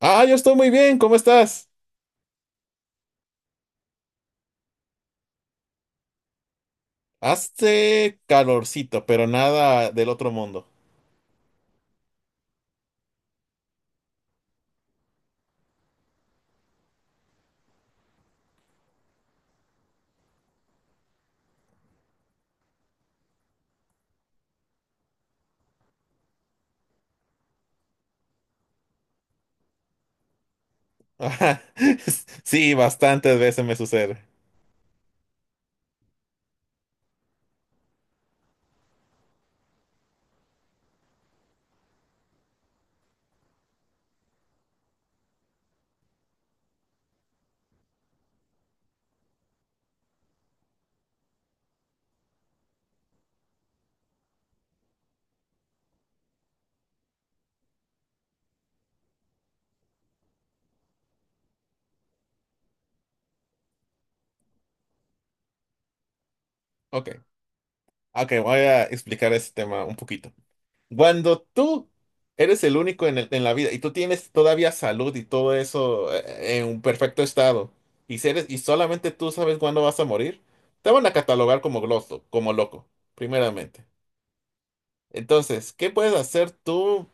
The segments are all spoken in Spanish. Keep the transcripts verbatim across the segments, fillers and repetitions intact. Ah, yo estoy muy bien, ¿cómo estás? Hace calorcito, pero nada del otro mundo. Ajá. Sí, bastantes veces me sucede. Ok, ok, voy a explicar ese tema un poquito. Cuando tú eres el único en el- en la vida y tú tienes todavía salud y todo eso eh, en un perfecto estado y, si eres- y solamente tú sabes cuándo vas a morir, te van a catalogar como gloso, como loco, primeramente. Entonces, ¿qué puedes hacer tú?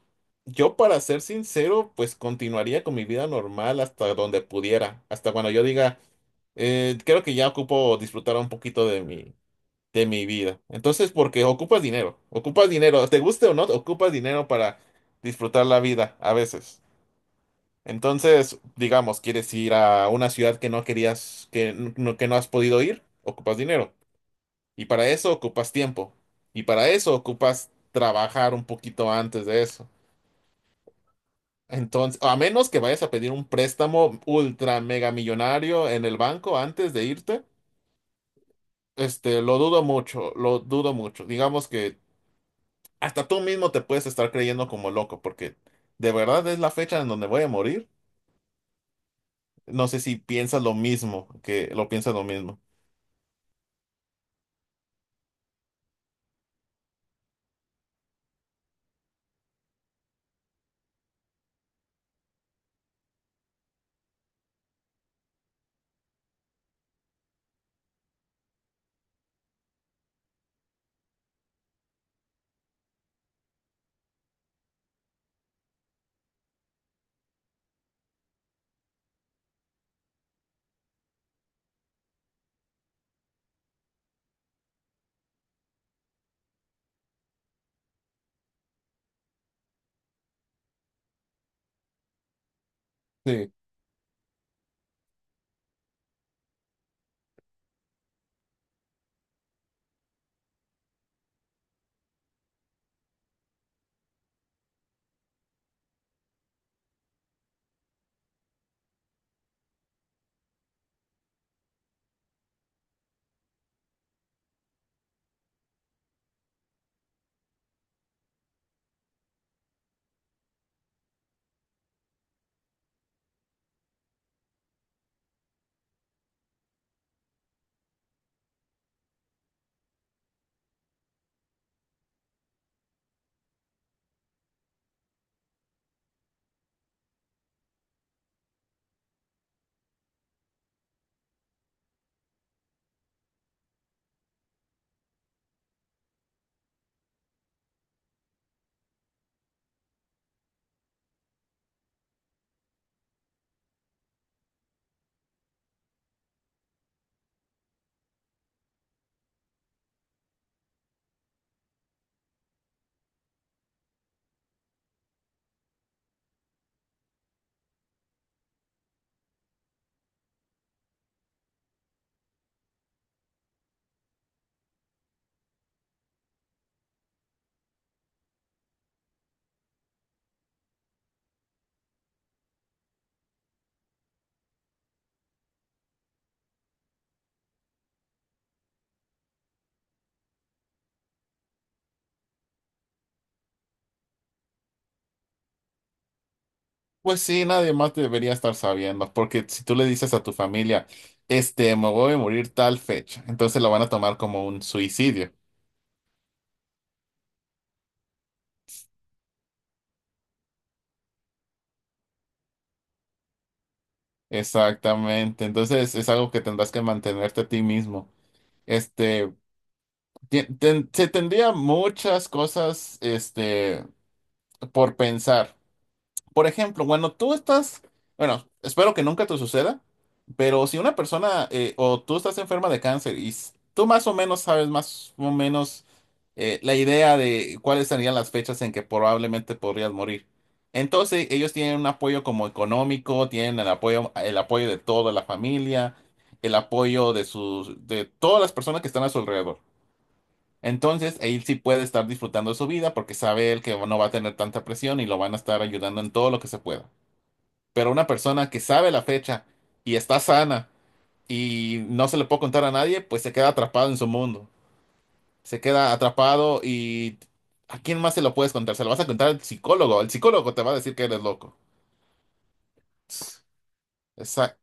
Yo, para ser sincero, pues continuaría con mi vida normal hasta donde pudiera, hasta cuando yo diga, "Eh, creo que ya ocupo disfrutar un poquito de mi, de mi vida." Entonces, porque ocupas dinero, ocupas dinero, te guste o no, ocupas dinero para disfrutar la vida a veces. Entonces, digamos, quieres ir a una ciudad que no querías, que, no- que no has podido ir, ocupas dinero. Y para eso ocupas tiempo. Y para eso ocupas trabajar un poquito antes de eso. Entonces, a menos que vayas a pedir un préstamo ultra mega millonario en el banco antes de irte, este, lo dudo mucho, lo dudo mucho. Digamos que hasta tú mismo te puedes estar creyendo como loco, porque de verdad es la fecha en donde voy a morir. No sé si piensas lo mismo, que lo piensas lo mismo. Sí. Pues sí, nadie más debería estar sabiendo, porque si tú le dices a tu familia, este, me voy a morir tal fecha, entonces lo van a tomar como un suicidio. Exactamente, entonces es algo que tendrás que mantenerte a ti mismo. Este, ti- ten- Se tendría muchas cosas, este, por pensar. Por ejemplo, bueno, tú estás, bueno, espero que nunca te suceda, pero si una persona eh, o tú estás enferma de cáncer y s- tú más o menos sabes más o menos eh, la idea de cuáles serían las fechas en que probablemente podrías morir. Entonces ellos tienen un apoyo como económico, tienen el apoyo, el apoyo de toda la familia, el apoyo de sus, de todas las personas que están a su alrededor. Entonces, él sí puede estar disfrutando de su vida porque sabe él que no va a tener tanta presión y lo van a estar ayudando en todo lo que se pueda. Pero una persona que sabe la fecha y está sana y no se le puede contar a nadie, pues se queda atrapado en su mundo. Se queda atrapado y ¿a quién más se lo puedes contar? Se lo vas a contar al psicólogo. El psicólogo te va a decir que eres loco. Esa,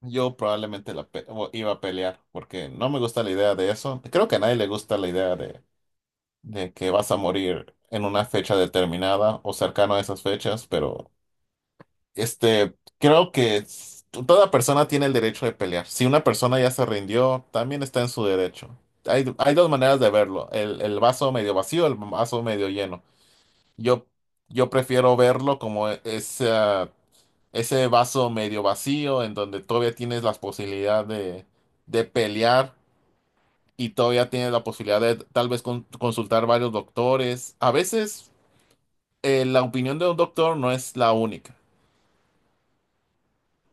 yo probablemente la pe- o- iba a pelear porque no me gusta la idea de eso. Creo que a nadie le gusta la idea de, de que vas a morir en una fecha determinada o cercano a esas fechas, pero... Este, creo que s- toda persona tiene el derecho de pelear. Si una persona ya se rindió, también está en su derecho. Hay, hay dos maneras de verlo, el, el vaso medio vacío, el vaso medio lleno. Yo, yo prefiero verlo como e- ese, ese vaso medio vacío en donde todavía tienes la posibilidad de, de pelear y todavía tienes la posibilidad de tal vez con- consultar varios doctores. A veces eh, la opinión de un doctor no es la única.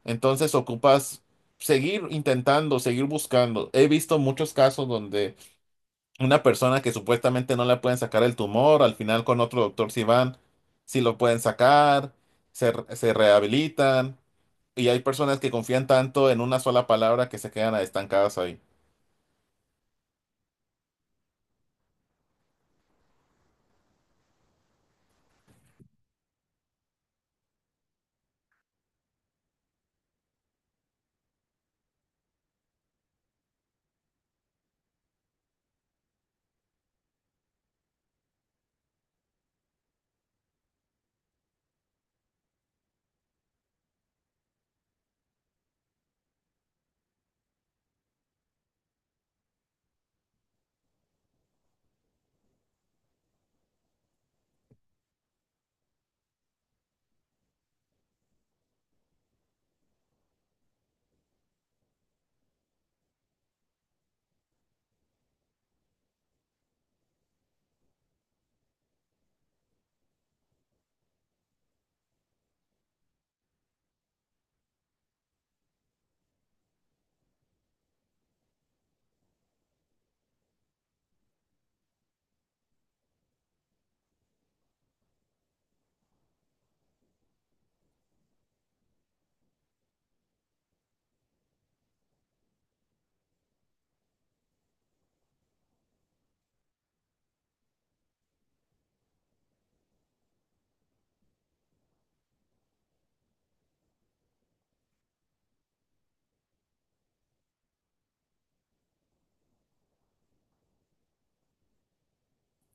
Entonces ocupas seguir intentando, seguir buscando. He visto muchos casos donde una persona que supuestamente no le pueden sacar el tumor, al final con otro doctor si van, si lo pueden sacar, se, re- se rehabilitan. Y hay personas que confían tanto en una sola palabra que se quedan estancadas ahí.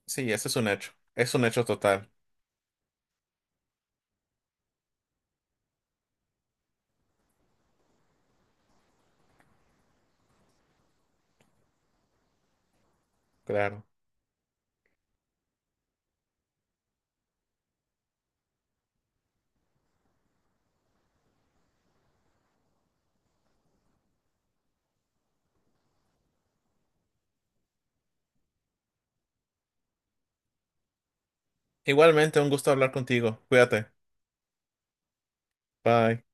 Sí, ese es un hecho. Es un hecho total, claro. Igualmente, un gusto hablar contigo. Cuídate. Bye.